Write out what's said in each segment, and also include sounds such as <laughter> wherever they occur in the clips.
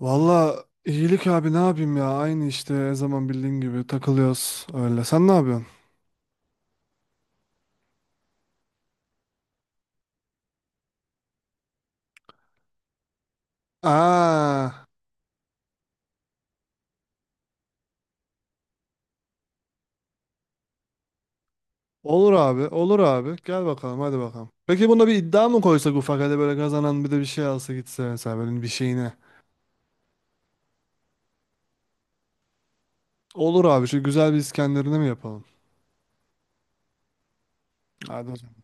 Valla iyilik abi ne yapayım ya aynı işte her zaman bildiğin gibi takılıyoruz öyle. Sen ne yapıyorsun? Aa, olur abi olur abi gel bakalım hadi bakalım. Peki buna bir iddia mı koysak ufak hadi böyle kazanan bir de bir şey alsa gitse mesela böyle bir şeyine. Olur abi şu güzel bir İskender'ini mi yapalım? Hadi hocam.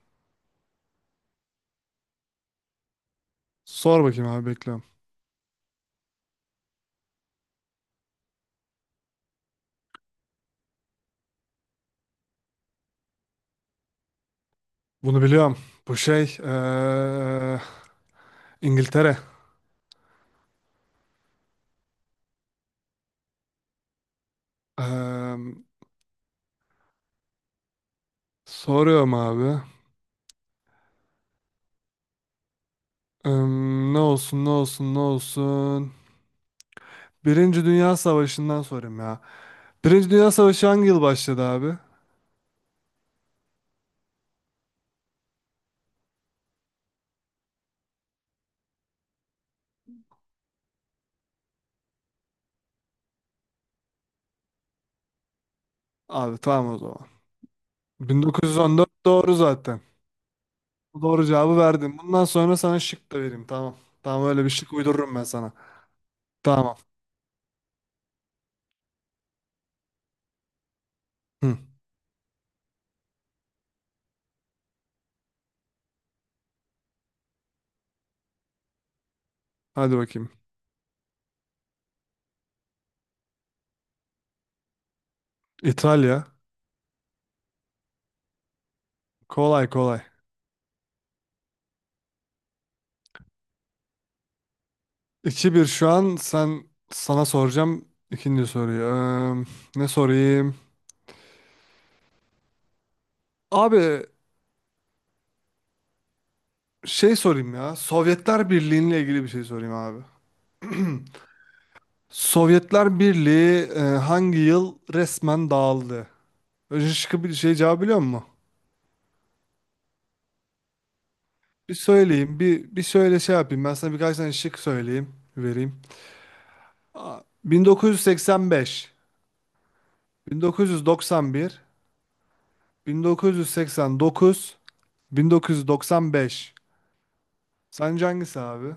Sor bakayım abi bekliyorum. Bunu biliyorum. Bu şey İngiltere. Eee, soruyorum abi. Eee, ne olsun ne olsun ne olsun. Birinci Dünya Savaşı'ndan sorayım ya. Birinci Dünya Savaşı hangi yıl başladı abi? Abi tamam o zaman. 1914 doğru zaten. Doğru cevabı verdin. Bundan sonra sana şık da vereyim tamam. Tamam öyle bir şık uydururum ben sana. Tamam. Hı, hadi bakayım. İtalya. Kolay kolay. 2 bir şu an sen sana soracağım ikinci soruyu. Ne sorayım? Abi şey sorayım ya. Sovyetler Birliği'yle ilgili bir şey sorayım abi. Sovyetler Birliği hangi yıl resmen dağıldı? Önce şıkkı bir şey cevabı biliyor musun? Bir söyleyeyim, bir söyle şey yapayım. Ben sana birkaç tane şık söyleyeyim, vereyim. Aa, 1985, 1991, 1989, 1995. Sence hangisi abi?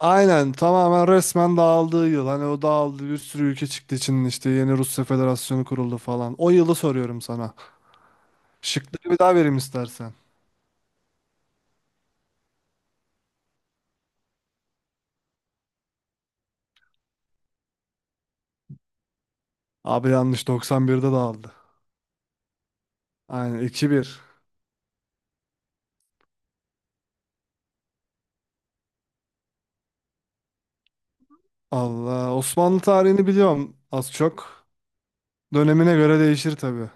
Aynen tamamen resmen dağıldığı yıl. Hani o dağıldı bir sürü ülke çıktı için işte yeni Rusya Federasyonu kuruldu falan. O yılı soruyorum sana. Şıkları bir daha vereyim istersen. Abi yanlış 91'de de aldı. Aynen 2-1. Allah. Osmanlı tarihini biliyorum az çok. Dönemine göre değişir tabii.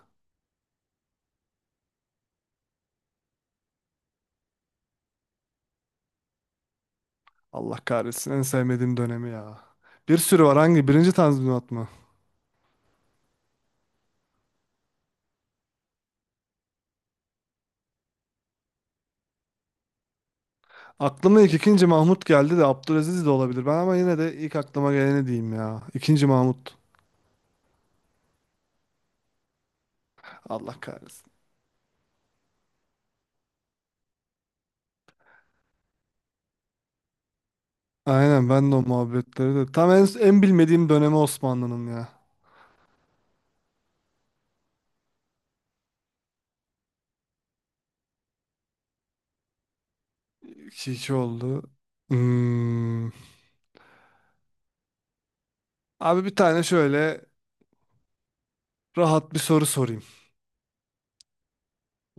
Allah kahretsin en sevmediğim dönemi ya. Bir sürü var hangi? Birinci Tanzimat mı? Aklıma ilk ikinci Mahmut geldi de Abdülaziz de olabilir. Ben ama yine de ilk aklıma geleni diyeyim ya. İkinci Mahmut. Allah kahretsin. Aynen ben de o muhabbetleri de. Tam en bilmediğim dönemi Osmanlı'nın ya. 2-2 oldu. Hmm. Abi bir tane şöyle rahat bir soru sorayım.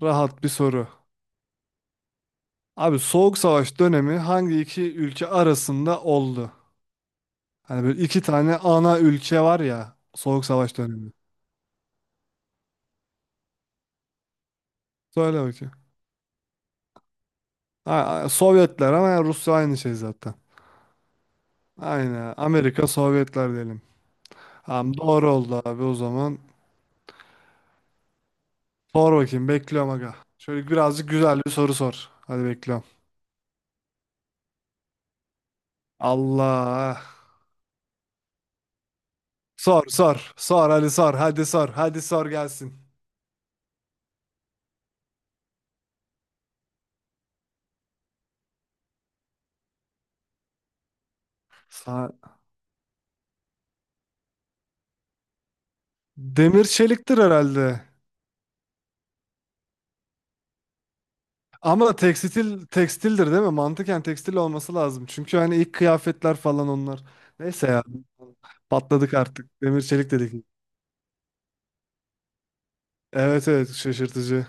Rahat bir soru. Abi Soğuk Savaş dönemi hangi iki ülke arasında oldu? Hani böyle iki tane ana ülke var ya Soğuk Savaş dönemi. Söyle bakayım. Ha, Sovyetler ama yani Rusya aynı şey zaten. Aynen. Amerika Sovyetler diyelim. Tamam doğru oldu abi o zaman. Sor bakayım bekliyorum aga. Şöyle birazcık güzel bir soru sor. Hadi bekliyorum. Allah. Sor sor. Sor hadi sor. Hadi sor. Hadi sor gelsin. Sa- Demir çeliktir herhalde. Ama tekstil tekstildir değil mi? Mantıken tekstil olması lazım. Çünkü hani ilk kıyafetler falan onlar. Neyse ya patladık artık. Demir çelik dedik. Evet evet şaşırtıcı.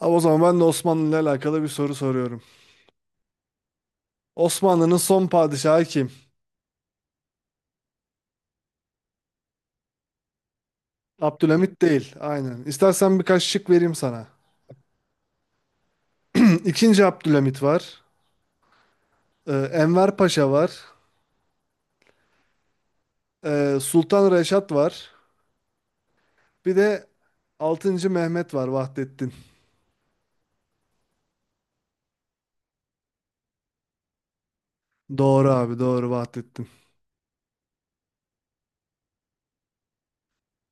Ama o zaman ben de Osmanlı ile alakalı bir soru soruyorum. Osmanlı'nın son padişahı kim? Abdülhamit değil. Aynen. İstersen birkaç şık vereyim sana. <clears throat> İkinci Abdülhamit var. Enver Paşa var. Sultan Reşat var. Bir de altıncı Mehmet var Vahdettin. Doğru abi doğru Vahdettin.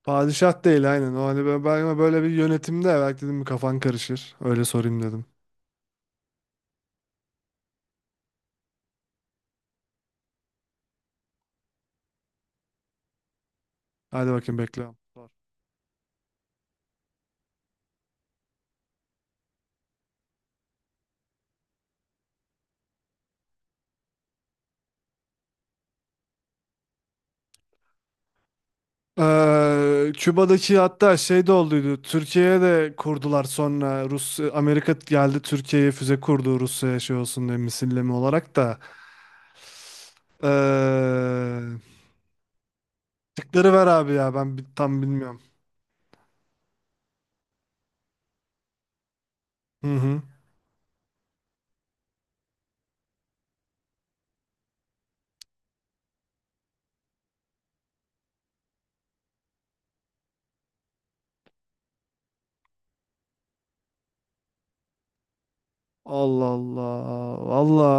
Padişah değil aynen. O hani ben böyle bir yönetimde belki dedim kafan karışır. Öyle sorayım dedim. Hadi bakayım bekliyorum. Sor. Küba'daki hatta şey de olduydu. Türkiye'ye de kurdular sonra. Rus Amerika geldi Türkiye'ye füze kurdu Rusya'ya şey olsun diye misilleme olarak da. Ee, şıkları ver abi ya ben tam bilmiyorum. Hı hı. Allah Allah. Valla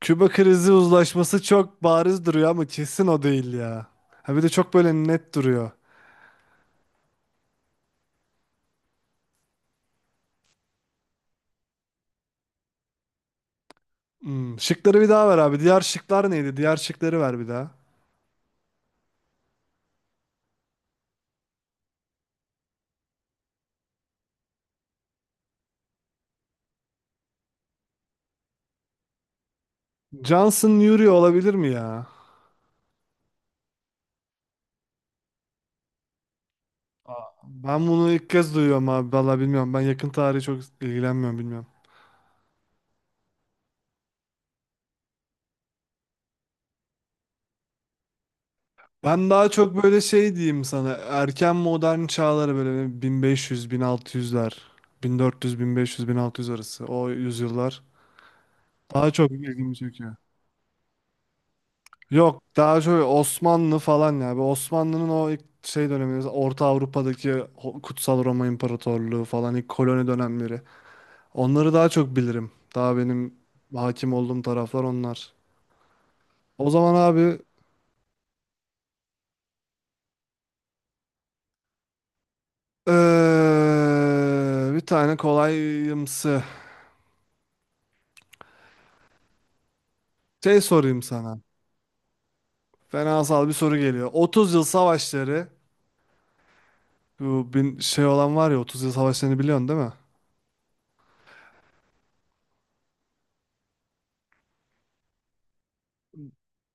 Küba krizi uzlaşması çok bariz duruyor ama kesin o değil ya. Ha bir de çok böyle net duruyor. Hmm, şıkları bir daha ver abi. Diğer şıklar neydi? Diğer şıkları ver bir daha. Johnson Nuri olabilir mi ya? Ben bunu ilk kez duyuyorum abi. Vallahi bilmiyorum. Ben yakın tarihi çok ilgilenmiyorum bilmiyorum. Ben daha çok böyle şey diyeyim sana. Erken modern çağları böyle 1500, 1600'ler. 1400, 1500, 1600 arası. O yüzyıllar. Daha çok ilgimi çekiyor. Yok daha çok Osmanlı falan ya. Bu Osmanlı'nın o ilk şey dönemi. Orta Avrupa'daki Kutsal Roma İmparatorluğu falan ilk koloni dönemleri. Onları daha çok bilirim. Daha benim hakim olduğum taraflar onlar. O zaman abi bir tane kolayımsı şey sorayım sana. Fenasal bir soru geliyor. 30 yıl savaşları bu bin şey olan var ya 30 yıl savaşlarını biliyorsun değil mi?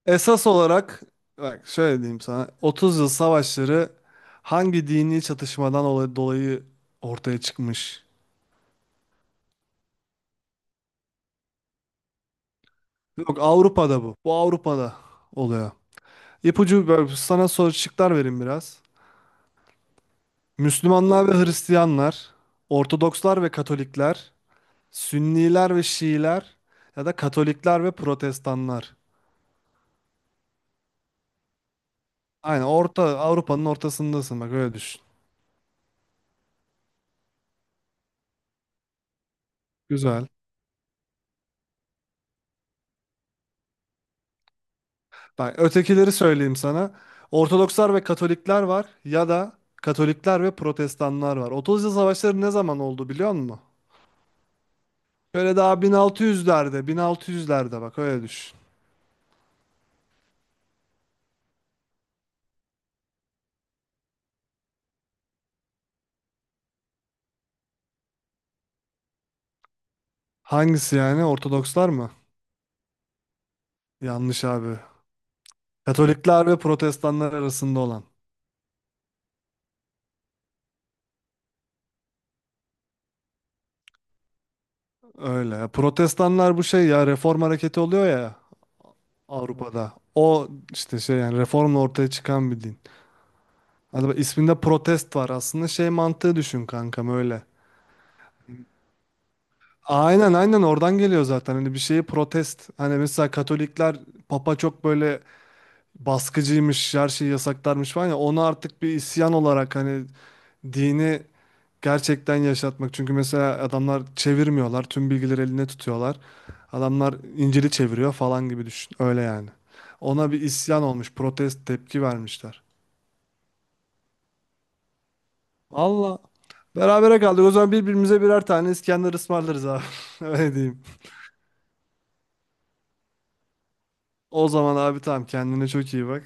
Esas olarak bak şöyle diyeyim sana. 30 yıl savaşları hangi dini çatışmadan dolayı ortaya çıkmış? Yok Avrupa'da bu. Bu Avrupa'da oluyor. İpucu böyle sana soru şıklar vereyim biraz. Müslümanlar ve Hristiyanlar, Ortodokslar ve Katolikler, Sünniler ve Şiiler ya da Katolikler ve Protestanlar. Aynen orta Avrupa'nın ortasındasın bak öyle düşün. Güzel. Bak ötekileri söyleyeyim sana. Ortodokslar ve Katolikler var ya da Katolikler ve Protestanlar var. 30 yıl savaşları ne zaman oldu biliyor musun? Böyle daha 1600'lerde, 1600'lerde bak öyle düşün. Hangisi yani? Ortodokslar mı? Yanlış abi. Katolikler ve Protestanlar arasında olan. Öyle. Protestanlar bu şey ya reform hareketi oluyor ya Avrupa'da. O işte şey yani reformla ortaya çıkan bir din. Hadi bak isminde protest var aslında şey mantığı düşün kankam öyle. Aynen aynen oradan geliyor zaten. Hani bir şeyi protest. Hani mesela Katolikler Papa çok böyle baskıcıymış, her şeyi yasaklarmış falan ya onu artık bir isyan olarak hani dini gerçekten yaşatmak. Çünkü mesela adamlar çevirmiyorlar, tüm bilgileri eline tutuyorlar. Adamlar İncil'i çeviriyor falan gibi düşün. Öyle yani. Ona bir isyan olmuş, protest tepki vermişler. Allah. Berabere kaldık. O zaman birbirimize birer tane İskender ısmarlarız abi. <laughs> Öyle diyeyim. O zaman abi tamam kendine çok iyi bak.